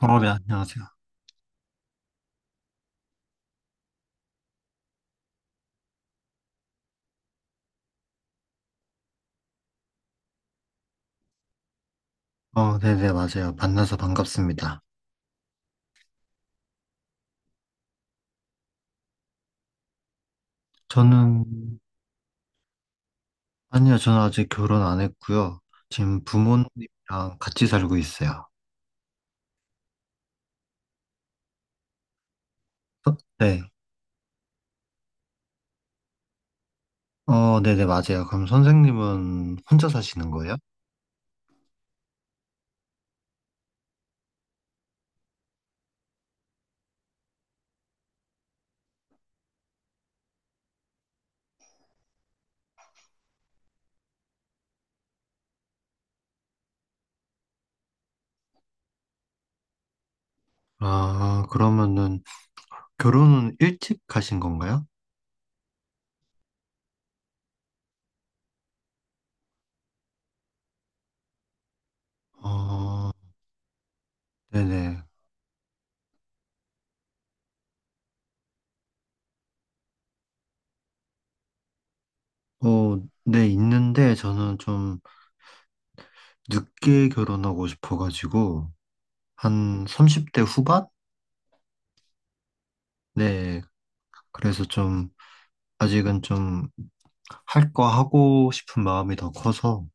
네, 안녕하세요. 네네, 맞아요. 만나서 반갑습니다. 저는, 아니요, 저는 아직 결혼 안 했고요. 지금 부모님이랑 같이 살고 있어요. 어? 네. 네네, 맞아요. 그럼 선생님은 혼자 사시는 거예요? 아, 그러면은 결혼은 일찍 하신 건가요? 어, 네네. 어, 네, 있는데 저는 좀 늦게 결혼하고 싶어가지고, 한 30대 후반? 네, 그래서 좀, 아직은 좀 할 거 하고 싶은 마음이 더 커서,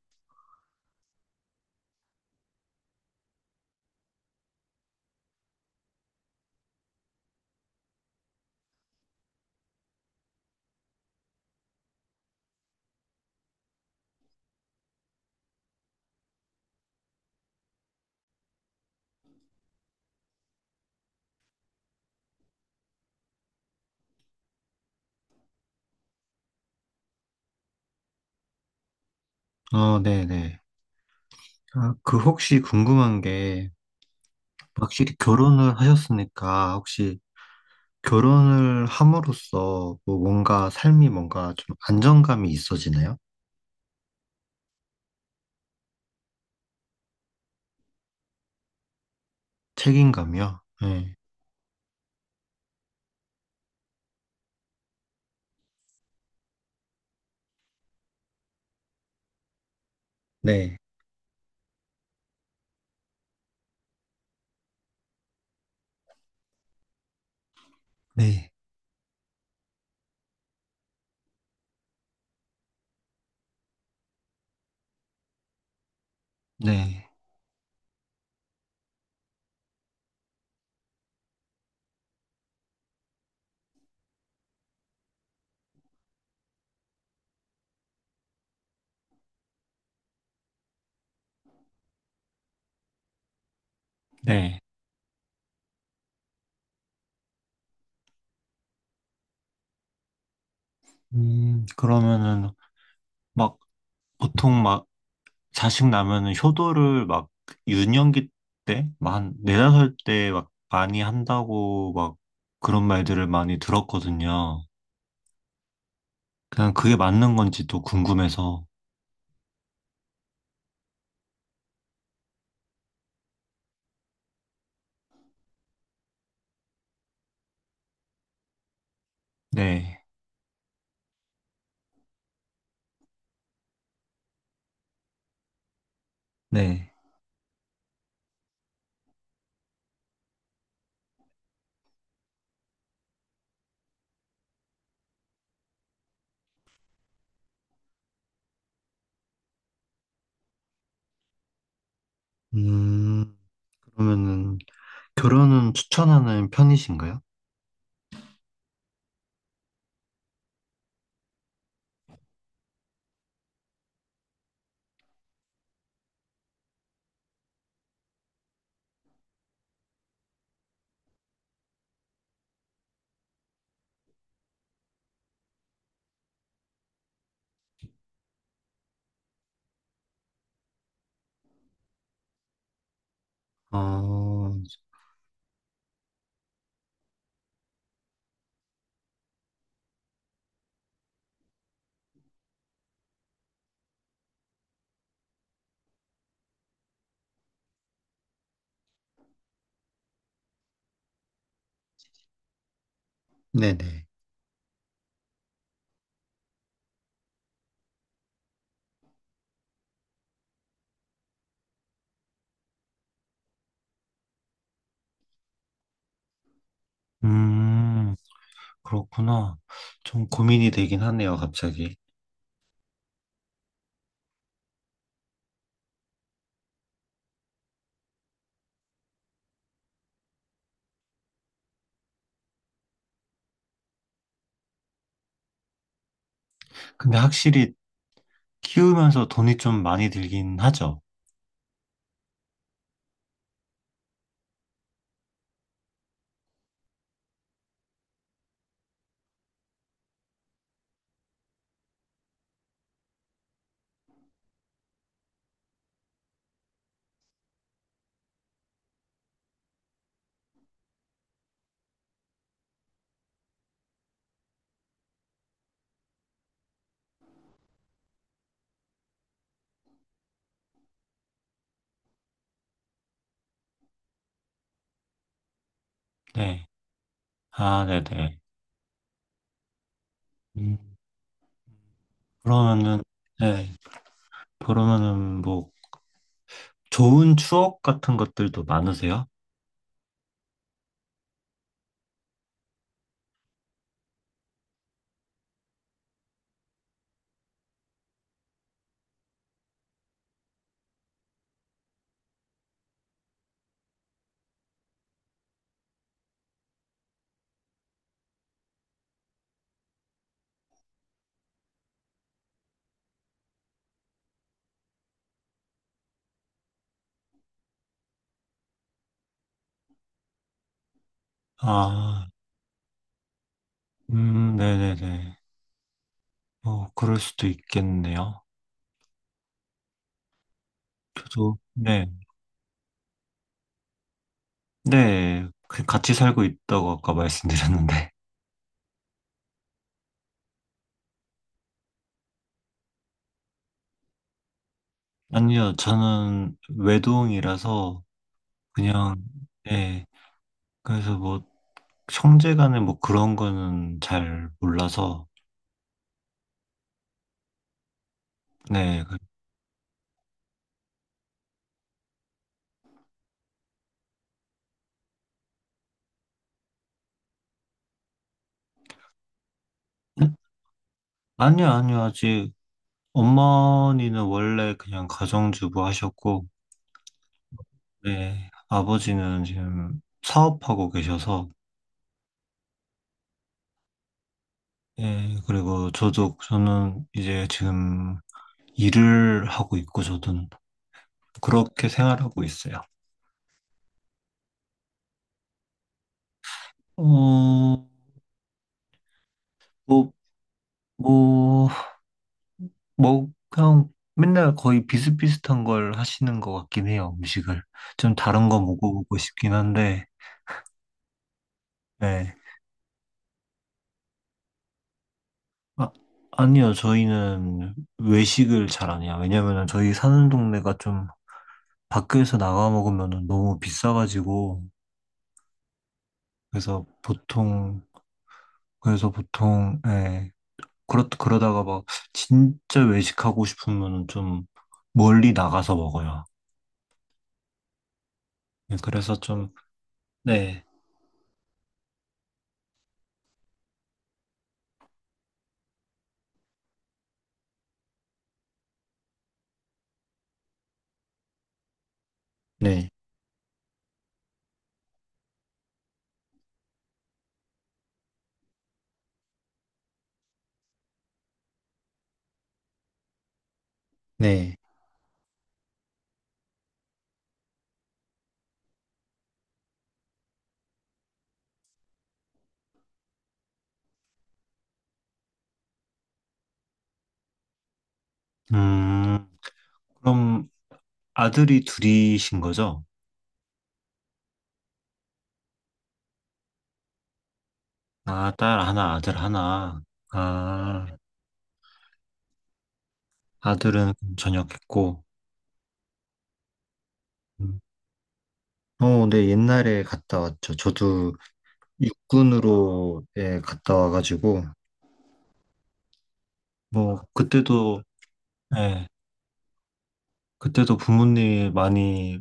네네. 아, 그 혹시 궁금한 게, 확실히 결혼을 하셨으니까, 혹시 결혼을 함으로써 뭐 뭔가 삶이 뭔가 좀 안정감이 있어지나요? 책임감이요? 네. 네. 네. 네. 네. 그러면은 막 보통 막 자식 나면은 효도를 막 유년기 때, 막 한 네다섯 때 막 많이 한다고 막 그런 말들을 많이 들었거든요. 그냥 그게 맞는 건지 또 궁금해서. 네, 네. 음, 그러면은 결혼은 추천하는 편이신가요? 어, 네네. 음, 그렇구나. 좀 고민이 되긴 하네요, 갑자기. 근데 확실히 키우면서 돈이 좀 많이 들긴 하죠. 네. 아, 네네. 음. 그러면은, 네, 그러면은 뭐, 좋은 추억 같은 것들도 많으세요? 아, 네네네. 어, 그럴 수도 있겠네요. 저도, 네, 네, 그 같이 살고 있다고 아까 말씀드렸는데. 아니요, 저는 외동이라서 그냥, 네, 그래서 뭐, 형제 간에 뭐 그런 거는 잘 몰라서, 네. 네? 아니요, 아니요, 아직 어머니는 원래 그냥 가정주부 하셨고, 네, 아버지는 지금 사업하고 계셔서, 예, 저는 이제 지금 일을 하고 있고, 저도 그렇게 생활하고 있어요. 어, 뭐, 뭐, 그냥 맨날 거의 비슷비슷한 걸 하시는 것 같긴 해요, 음식을. 좀 다른 거 먹어보고 싶긴 한데, 네. 아, 아니요, 저희는 외식을 잘 안 해요. 왜냐면은 저희 사는 동네가 좀 밖에서 나가 먹으면 너무 비싸가지고, 그래서 보통, 그래서 보통, 예, 그러다가 막 진짜 외식하고 싶으면 좀 멀리 나가서 먹어요. 예, 그래서 좀, 네. 네, 네. 음, 그럼 아들이 둘이신 거죠? 아, 딸 하나, 아들 하나. 아, 아들은 전역했고, 음, 네, 옛날에 갔다 왔죠. 저도 육군으로 예, 갔다 와가지고, 뭐, 그때도, 예, 그때도 부모님이 많이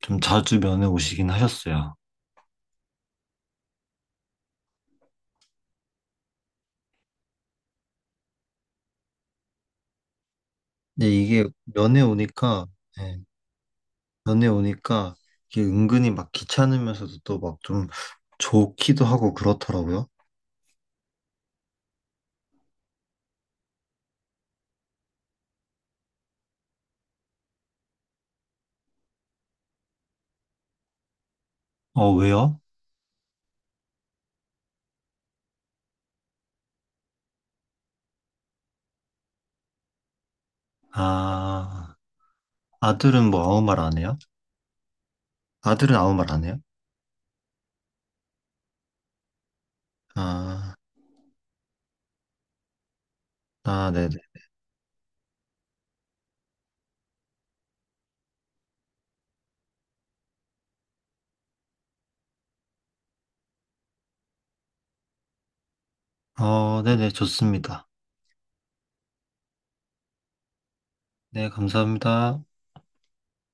좀 자주 면회 오시긴 하셨어요. 근데 이게 면회 오니까, 예, 면회 오니까 이게 은근히 막 귀찮으면서도 또 막 좀 좋기도 하고 그렇더라고요. 어, 왜요? 아, 아들은 뭐 아무 말 안 해요? 아들은 아무 말 안 해요? 아, 아, 네네. 네네, 좋습니다. 네, 감사합니다.